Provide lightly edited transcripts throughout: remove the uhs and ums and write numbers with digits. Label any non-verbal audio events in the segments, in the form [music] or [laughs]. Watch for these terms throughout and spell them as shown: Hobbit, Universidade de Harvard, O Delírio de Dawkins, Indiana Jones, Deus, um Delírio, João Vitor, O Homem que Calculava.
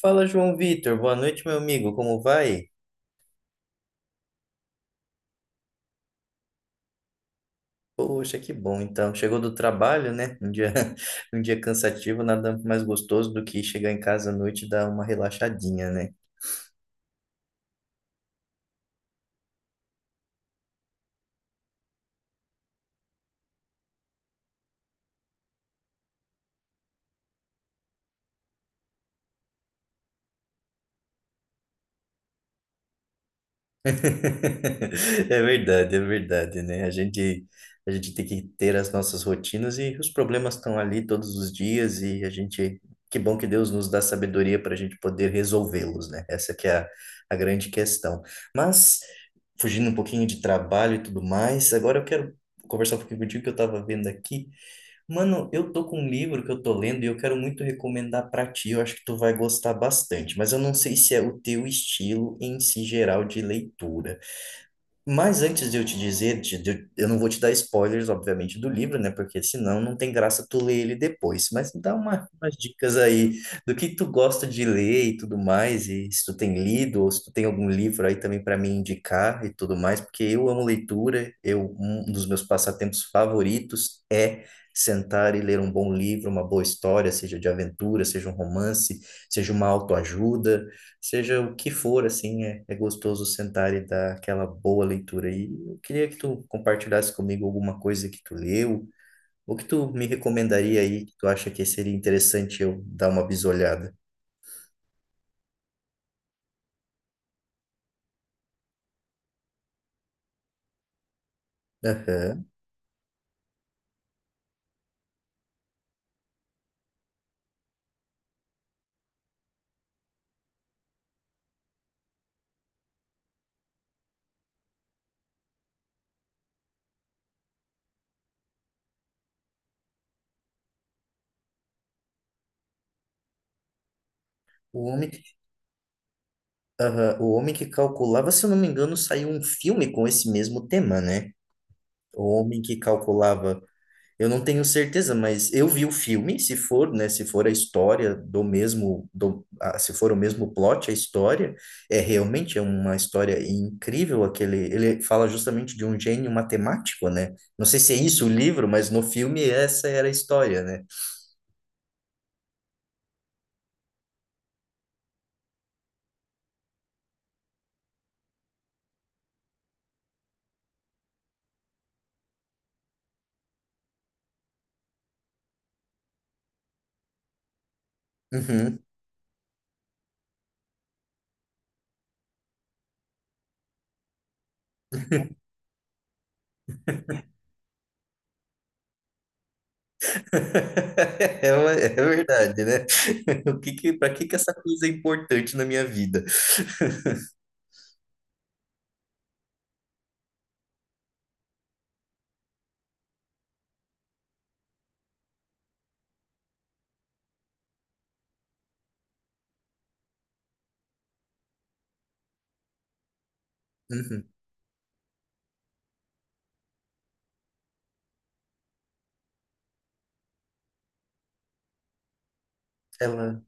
Fala, João Vitor. Boa noite, meu amigo. Como vai? Poxa, que bom. Então, chegou do trabalho, né? Um dia, [laughs] um dia cansativo, nada mais gostoso do que chegar em casa à noite e dar uma relaxadinha, né? [laughs] É verdade, né? A gente tem que ter as nossas rotinas e os problemas estão ali todos os dias e a gente, que bom que Deus nos dá sabedoria para a gente poder resolvê-los, né? Essa que é a grande questão. Mas, fugindo um pouquinho de trabalho e tudo mais, agora eu quero conversar um pouquinho contigo que eu estava vendo aqui. Mano, eu tô com um livro que eu tô lendo e eu quero muito recomendar para ti, eu acho que tu vai gostar bastante, mas eu não sei se é o teu estilo em si geral de leitura. Mas antes de eu te dizer, eu não vou te dar spoilers, obviamente, do livro, né? Porque senão não tem graça tu ler ele depois. Mas dá umas dicas aí do que tu gosta de ler e tudo mais, e se tu tem lido, ou se tu tem algum livro aí também para me indicar e tudo mais, porque eu amo leitura, eu, um dos meus passatempos favoritos é sentar e ler um bom livro, uma boa história, seja de aventura, seja um romance, seja uma autoajuda. Seja o que for, assim, é gostoso sentar e dar aquela boa leitura. E eu queria que tu compartilhasse comigo alguma coisa que tu leu, ou que tu me recomendaria aí, que tu acha que seria interessante eu dar uma bisolhada. Aham. O homem. Aham. O homem que calculava, se eu não me engano, saiu um filme com esse mesmo tema, né? O homem que calculava. Eu não tenho certeza, mas eu vi o filme, se for, né, se for a história do mesmo, do, ah, se for o mesmo plot, a história, é realmente é uma história incrível, aquele, ele fala justamente de um gênio matemático, né? Não sei se é isso o livro, mas no filme essa era a história, né? Uhum. [laughs] É, é verdade, né? [laughs] O que que, para que que essa coisa é importante na minha vida? [laughs] Uhum. Ela.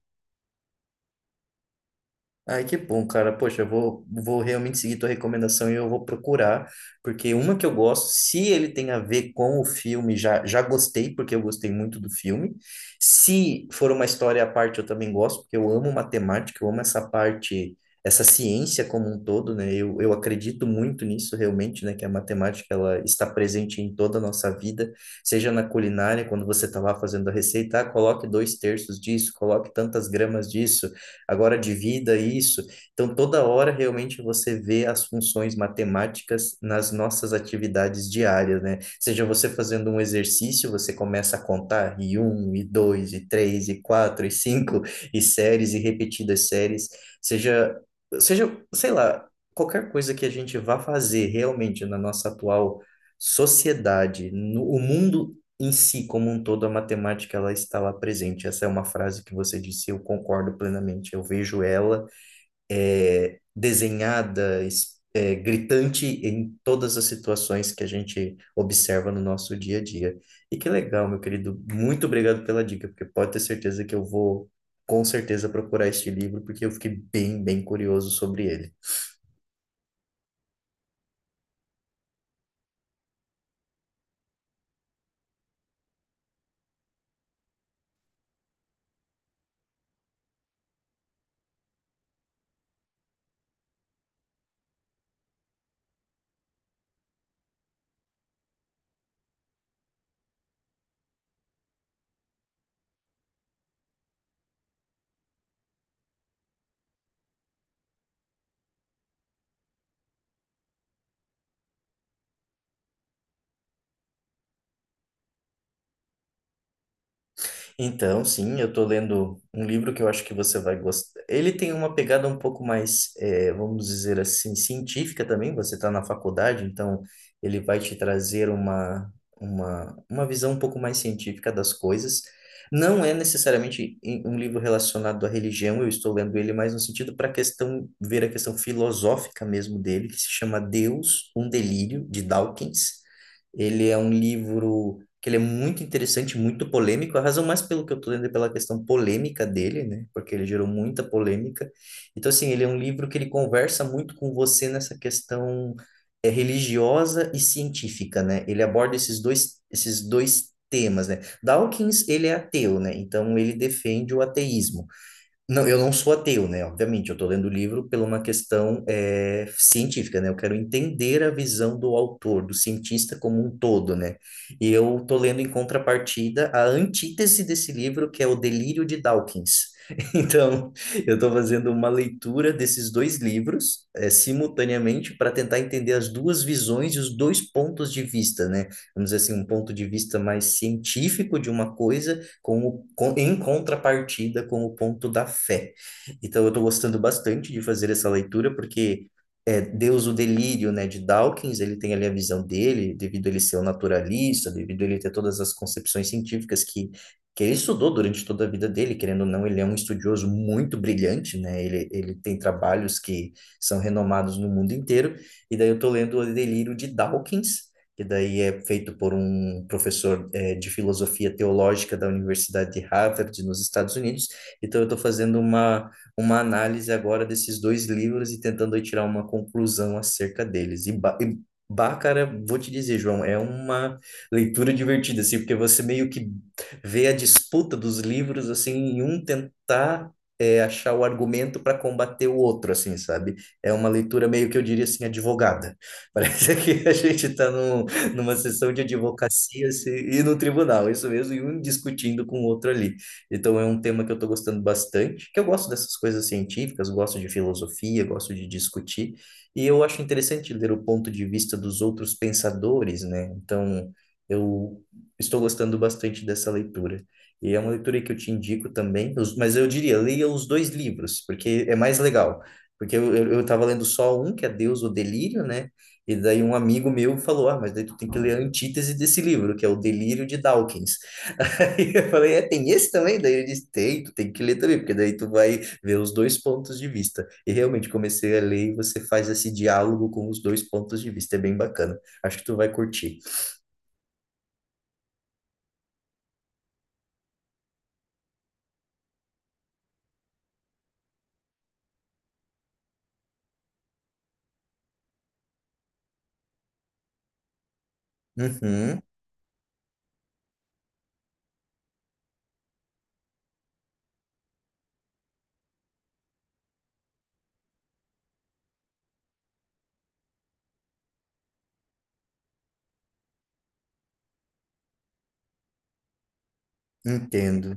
Ai, que bom, cara. Poxa, eu vou realmente seguir tua recomendação e eu vou procurar, porque uma que eu gosto, se ele tem a ver com o filme, já, já gostei, porque eu gostei muito do filme. Se for uma história à parte, eu também gosto, porque eu amo matemática, eu amo essa parte, essa ciência como um todo, né? Eu acredito muito nisso realmente, né? Que a matemática, ela está presente em toda a nossa vida, seja na culinária, quando você está lá fazendo a receita, ah, coloque dois terços disso, coloque tantas gramas disso agora divida isso. Então, toda hora realmente você vê as funções matemáticas nas nossas atividades diárias, né? Seja você fazendo um exercício, você começa a contar e um, e dois, e três, e quatro, e cinco, e séries, e repetidas séries, seja, sei lá, qualquer coisa que a gente vá fazer realmente na nossa atual sociedade, no, o mundo em si, como um todo, a matemática ela está lá presente. Essa é uma frase que você disse, eu concordo plenamente. Eu vejo ela é desenhada, é, gritante em todas as situações que a gente observa no nosso dia a dia. E que legal, meu querido. Muito obrigado pela dica, porque pode ter certeza que eu vou, com certeza, procurar este livro, porque eu fiquei bem, bem curioso sobre ele. Então, sim, eu estou lendo um livro que eu acho que você vai gostar. Ele tem uma pegada um pouco mais, vamos dizer assim, científica também. Você está na faculdade, então ele vai te trazer uma visão um pouco mais científica das coisas. Não é necessariamente um livro relacionado à religião, eu estou lendo ele mais no sentido para questão, ver a questão filosófica mesmo dele, que se chama Deus, um Delírio, de Dawkins. Ele é um livro que ele é muito interessante, muito polêmico. A razão mais pelo que eu estou lendo é pela questão polêmica dele, né? Porque ele gerou muita polêmica. Então, assim, ele é um livro que ele conversa muito com você nessa questão religiosa e científica, né? Ele aborda esses dois temas, né? Dawkins, ele é ateu, né? Então, ele defende o ateísmo. Não, eu não sou ateu, né? Obviamente, eu estou lendo o livro por uma questão científica, né? Eu quero entender a visão do autor, do cientista como um todo, né? E eu estou lendo em contrapartida a antítese desse livro, que é O Delírio de Dawkins. [laughs] Então, eu estou fazendo uma leitura desses dois livros simultaneamente para tentar entender as duas visões e os dois pontos de vista, né? Vamos dizer assim, um ponto de vista mais científico de uma coisa em contrapartida com o ponto da fé. Então, eu estou gostando bastante de fazer essa leitura, porque Deus, o Delírio, né, de Dawkins, ele tem ali a visão dele, devido a ele ser um naturalista, devido a ele ter todas as concepções científicas que ele estudou durante toda a vida dele, querendo ou não, ele é um estudioso muito brilhante, né, ele tem trabalhos que são renomados no mundo inteiro, e daí eu estou lendo o Delírio de Dawkins, que daí é feito por um professor de filosofia teológica da Universidade de Harvard, nos Estados Unidos. Então, eu estou fazendo uma análise agora desses dois livros e tentando aí tirar uma conclusão acerca deles. Bah, cara, vou te dizer, João, é uma leitura divertida, assim, porque você meio que vê a disputa dos livros, assim, em um tentar achar o argumento para combater o outro, assim, sabe? É uma leitura meio que eu diria assim, advogada. [laughs] Parece que a gente está num, [laughs] numa sessão de advocacia e no tribunal, isso mesmo, e um discutindo com o outro ali. Então é um tema que eu estou gostando bastante, que eu gosto dessas coisas científicas, gosto de filosofia, gosto de discutir, e eu acho interessante ler o ponto de vista dos outros pensadores, né? Então eu estou gostando bastante dessa leitura. E é uma leitura que eu te indico também, mas eu diria, leia os dois livros, porque é mais legal. Porque eu tava lendo só um, que é Deus, o Delírio, né? E daí um amigo meu falou, ah, mas daí tu tem que ler a antítese desse livro, que é O Delírio de Dawkins. [laughs] Aí eu falei, é, tem esse também? Daí ele disse, tem, tu tem que ler também, porque daí tu vai ver os dois pontos de vista. E realmente comecei a ler e você faz esse diálogo com os dois pontos de vista, é bem bacana. Acho que tu vai curtir. Uhum, entendo.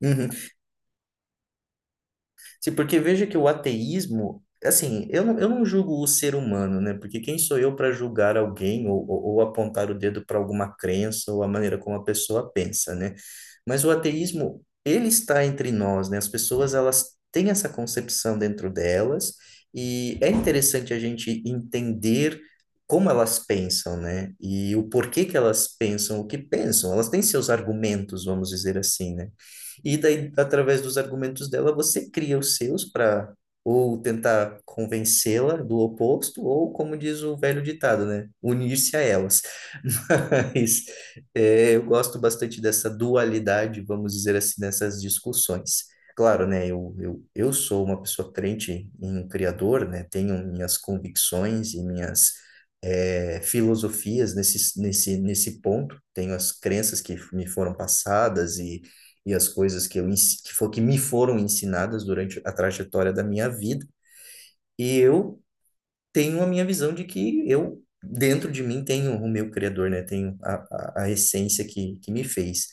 Uhum. Sim, porque veja que o ateísmo, assim, eu não julgo o ser humano, né? Porque quem sou eu para julgar alguém ou apontar o dedo para alguma crença ou a maneira como a pessoa pensa, né? Mas o ateísmo, ele está entre nós, né? As pessoas, elas têm essa concepção dentro delas e é interessante a gente entender como elas pensam, né? E o porquê que elas pensam o que pensam. Elas têm seus argumentos, vamos dizer assim, né? E daí, através dos argumentos dela, você cria os seus para ou tentar convencê-la do oposto, ou, como diz o velho ditado, né? Unir-se a elas. [laughs] Mas eu gosto bastante dessa dualidade, vamos dizer assim, nessas discussões. Claro, né? Eu sou uma pessoa crente em um Criador, né? Tenho minhas convicções e minhas filosofias nesse ponto. Tenho as crenças que me foram passadas e as coisas que eu ens- que, for, que me foram ensinadas durante a trajetória da minha vida. E eu tenho a minha visão de que eu, dentro de mim, tenho o meu criador, né? Tenho a, a essência que me fez,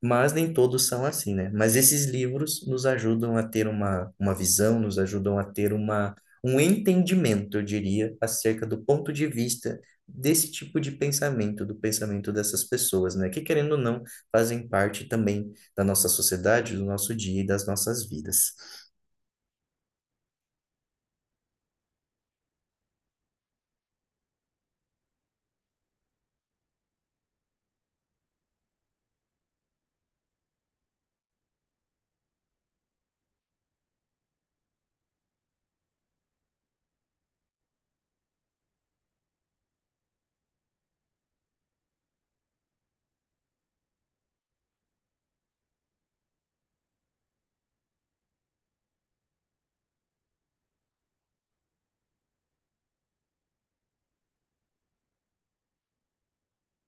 mas nem todos são assim, né? Mas esses livros nos ajudam a ter uma visão, nos ajudam a ter um entendimento, eu diria, acerca do ponto de vista desse tipo de pensamento, do pensamento dessas pessoas, né? Que, querendo ou não, fazem parte também da nossa sociedade, do nosso dia e das nossas vidas.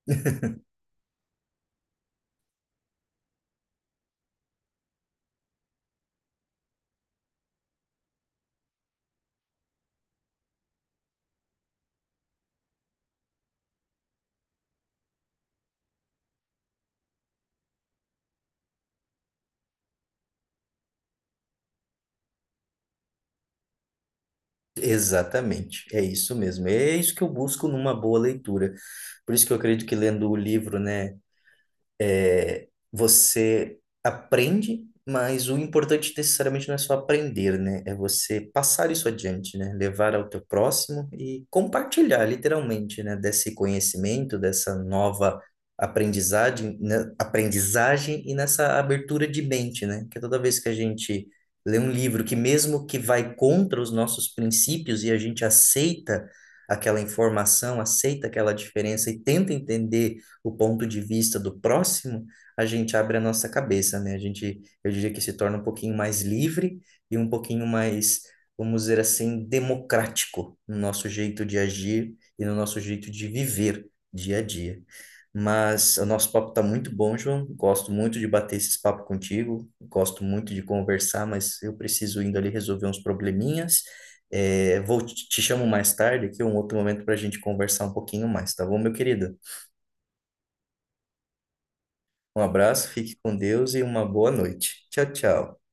[laughs] Exatamente, é isso mesmo. É isso que eu busco numa boa leitura. Por isso que eu acredito que lendo o livro, né? Você aprende, mas o importante necessariamente não é só aprender, né? É você passar isso adiante, né? Levar ao teu próximo e compartilhar, literalmente, né? Desse conhecimento, dessa nova aprendizagem, né? Aprendizagem e nessa abertura de mente, né? Que toda vez que a gente lê um livro que mesmo que vai contra os nossos princípios e a gente aceita aquela informação, aceita aquela diferença e tenta entender o ponto de vista do próximo, a gente abre a nossa cabeça, né? A gente, eu diria que se torna um pouquinho mais livre e um pouquinho mais, vamos dizer assim, democrático no nosso jeito de agir e no nosso jeito de viver dia a dia. Mas o nosso papo está muito bom, João. Gosto muito de bater esse papo contigo. Gosto muito de conversar, mas eu preciso indo ali resolver uns probleminhas. É, vou te chamo mais tarde aqui, um outro momento para a gente conversar um pouquinho mais, tá bom, meu querido? Um abraço, fique com Deus e uma boa noite. Tchau, tchau.